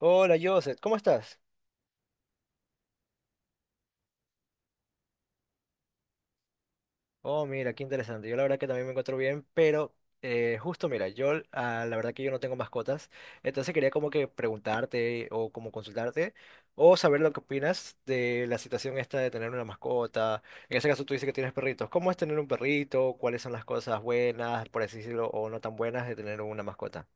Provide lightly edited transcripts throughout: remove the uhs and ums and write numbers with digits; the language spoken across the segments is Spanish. Hola Joseph, ¿cómo estás? Oh, mira, qué interesante. Yo la verdad que también me encuentro bien, pero justo mira, yo la verdad que yo no tengo mascotas, entonces quería como que preguntarte o como consultarte o saber lo que opinas de la situación esta de tener una mascota. En ese caso tú dices que tienes perritos. ¿Cómo es tener un perrito? ¿Cuáles son las cosas buenas, por así decirlo, o no tan buenas de tener una mascota?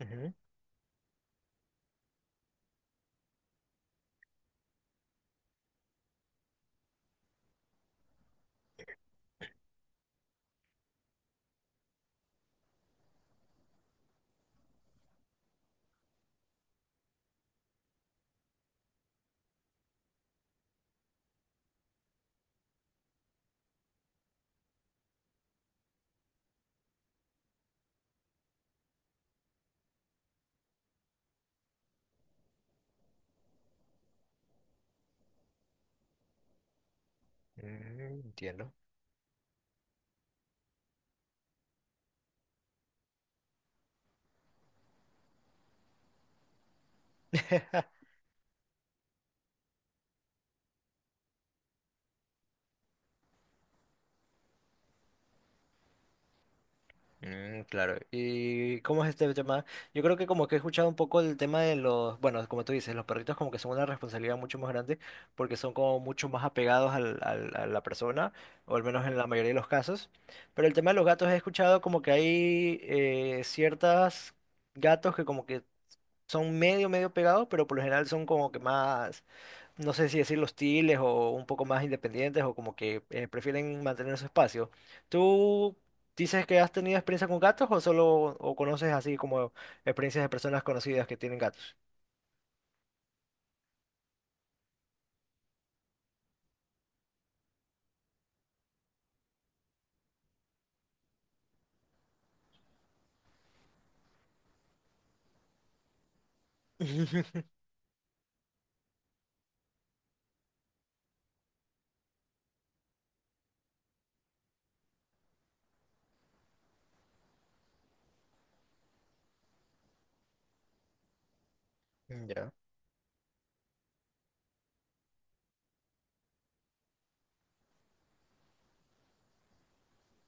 Ujú. Mm, entiendo. Mm, claro. ¿Y cómo es este tema? Yo creo que como que he escuchado un poco el tema de los, bueno, como tú dices, los perritos como que son una responsabilidad mucho más grande porque son como mucho más apegados a la persona, o al menos en la mayoría de los casos. Pero el tema de los gatos he escuchado como que hay ciertas gatos que como que son medio, medio pegados, pero por lo general son como que más, no sé si decir hostiles o un poco más independientes o como que prefieren mantener su espacio. ¿Tú dices que has tenido experiencia con gatos o solo o conoces así como experiencias de personas conocidas que tienen gatos? Ya,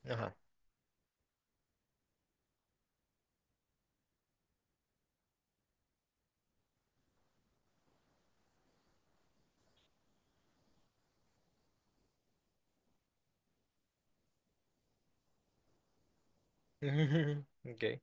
ajá. Ok.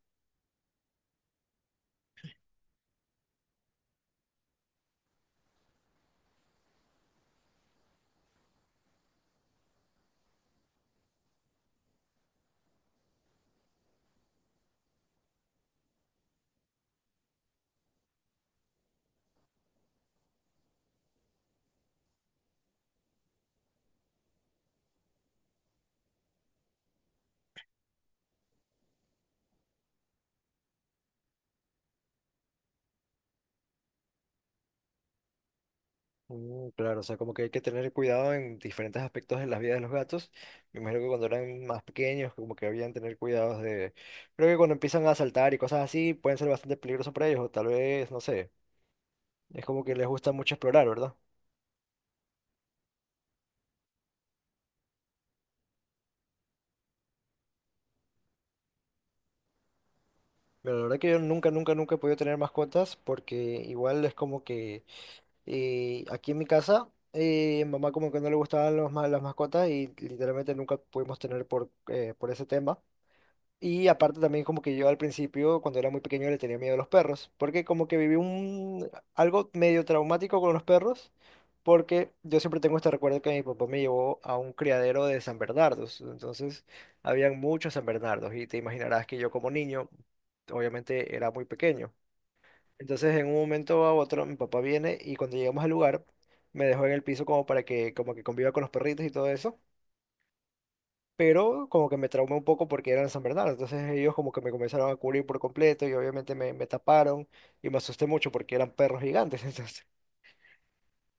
Mm, claro, o sea, como que hay que tener cuidado en diferentes aspectos de la vida de los gatos. Me imagino que cuando eran más pequeños, como que habían tener cuidados de... Creo que cuando empiezan a saltar y cosas así, pueden ser bastante peligrosos para ellos, o tal vez, no sé, es como que les gusta mucho explorar, ¿verdad? Pero la verdad que yo nunca, nunca, nunca he podido tener mascotas porque igual es como que aquí en mi casa, mamá como que no le gustaban las mascotas y literalmente nunca pudimos tener por ese tema. Y aparte también como que yo al principio, cuando era muy pequeño, le tenía miedo a los perros, porque como que viví un algo medio traumático con los perros, porque yo siempre tengo este recuerdo que mi papá me llevó a un criadero de San Bernardos, entonces habían muchos San Bernardos y te imaginarás que yo como niño, obviamente era muy pequeño. Entonces en un momento a otro mi papá viene y cuando llegamos al lugar me dejó en el piso como para que como que conviva con los perritos y todo eso pero como que me traumé un poco porque eran San Bernardo, entonces ellos como que me comenzaron a cubrir por completo y obviamente me taparon y me asusté mucho porque eran perros gigantes, entonces,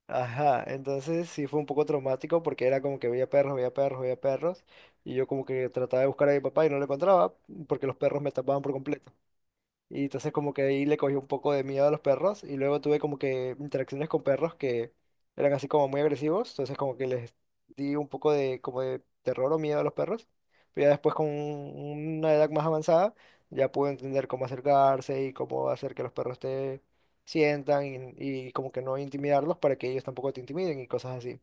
ajá, entonces sí fue un poco traumático porque era como que veía perros, veía perros, veía perros y yo como que trataba de buscar a mi papá y no lo encontraba porque los perros me tapaban por completo. Y entonces como que ahí le cogí un poco de miedo a los perros y luego tuve como que interacciones con perros que eran así como muy agresivos, entonces como que les di un poco de como de terror o miedo a los perros. Pero ya después con una edad más avanzada ya pude entender cómo acercarse y cómo hacer que los perros te sientan y como que no intimidarlos para que ellos tampoco te intimiden y cosas así.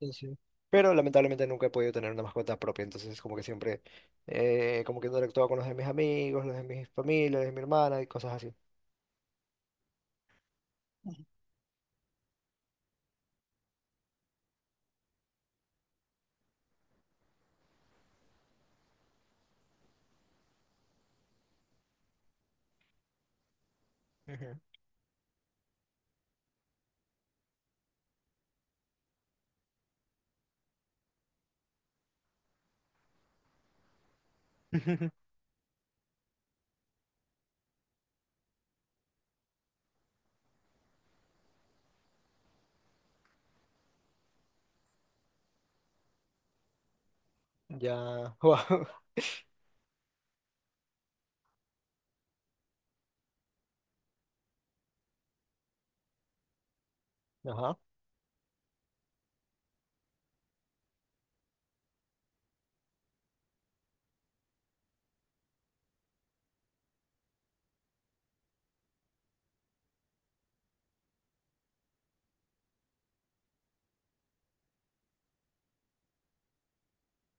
Sí, sí. Pero lamentablemente nunca he podido tener una mascota propia, entonces como que siempre, como que interactuaba con los de mis amigos, los de mi familia, los de mi hermana y cosas así. Ujú. Ya, wow. Ajá.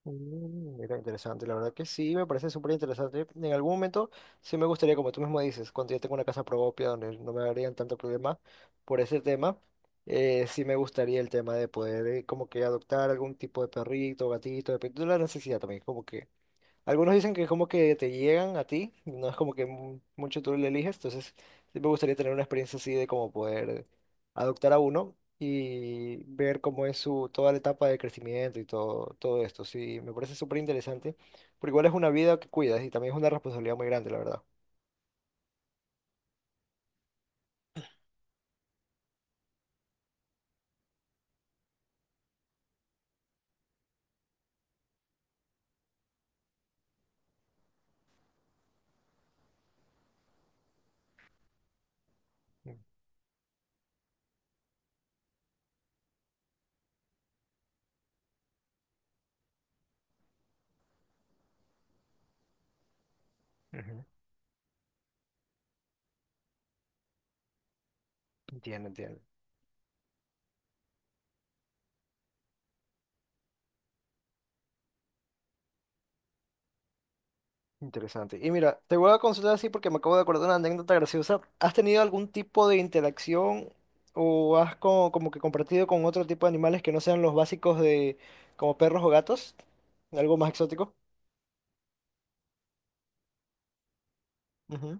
Mm, mira, interesante, la verdad que sí, me parece súper interesante. En algún momento sí me gustaría, como tú mismo dices, cuando yo tengo una casa propia donde no me harían tanto problema por ese tema, sí me gustaría el tema de poder como que adoptar algún tipo de perrito, gatito, dependiendo de la necesidad también, como que algunos dicen que es como que te llegan a ti, no es como que mucho tú lo eliges, entonces sí me gustaría tener una experiencia así de como poder adoptar a uno y ver cómo es su toda la etapa de crecimiento y todo, todo esto. Sí, me parece súper interesante, porque igual es una vida que cuidas y también es una responsabilidad muy grande, la verdad. Mm, ujú, entiendo, entiendo. Interesante. Y mira, te voy a consultar así porque me acabo de acordar de una anécdota graciosa. ¿Has tenido algún tipo de interacción o has como, que compartido con otro tipo de animales que no sean los básicos de como perros o gatos? ¿Algo más exótico? Ujú,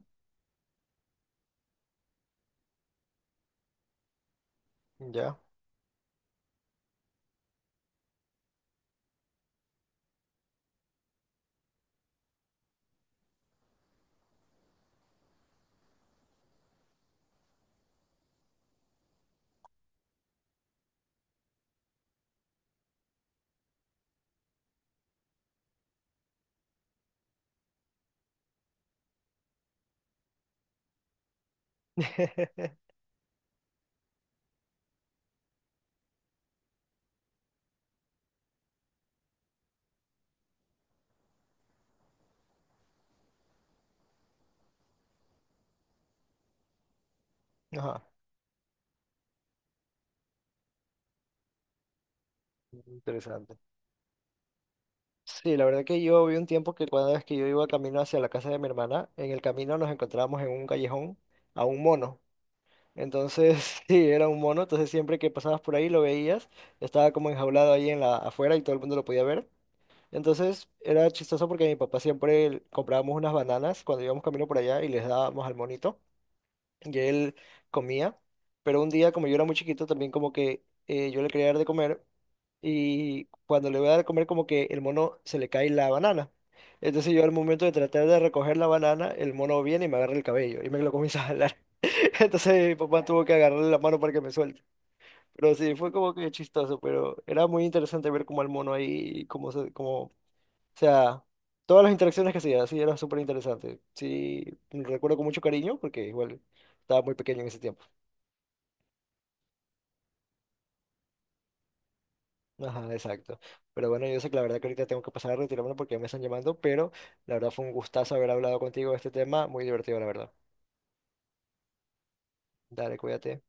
ya. Ajá. Interesante. Sí, la verdad que yo vi un tiempo que cada vez que yo iba camino hacia la casa de mi hermana, en el camino nos encontrábamos en un callejón a un mono. Entonces, sí, era un mono, entonces siempre que pasabas por ahí lo veías, estaba como enjaulado ahí en la afuera y todo el mundo lo podía ver. Entonces, era chistoso porque mi papá siempre comprábamos unas bananas cuando íbamos camino por allá y les dábamos al monito y él comía. Pero un día, como yo era muy chiquito, también como que yo le quería dar de comer y cuando le voy a dar de comer como que el mono se le cae la banana. Entonces yo al momento de tratar de recoger la banana, el mono viene y me agarra el cabello y me lo comienza a jalar. Entonces mi papá tuvo que agarrarle la mano para que me suelte. Pero sí, fue como que chistoso, pero era muy interesante ver cómo el mono ahí, como, se, cómo, o sea, todas las interacciones que hacía, sí, era súper interesante. Sí, lo recuerdo con mucho cariño porque igual estaba muy pequeño en ese tiempo. Ajá, exacto. Pero bueno, yo sé que la verdad que ahorita tengo que pasar a retirarme porque ya me están llamando, pero la verdad fue un gustazo haber hablado contigo de este tema, muy divertido, la verdad. Dale, cuídate.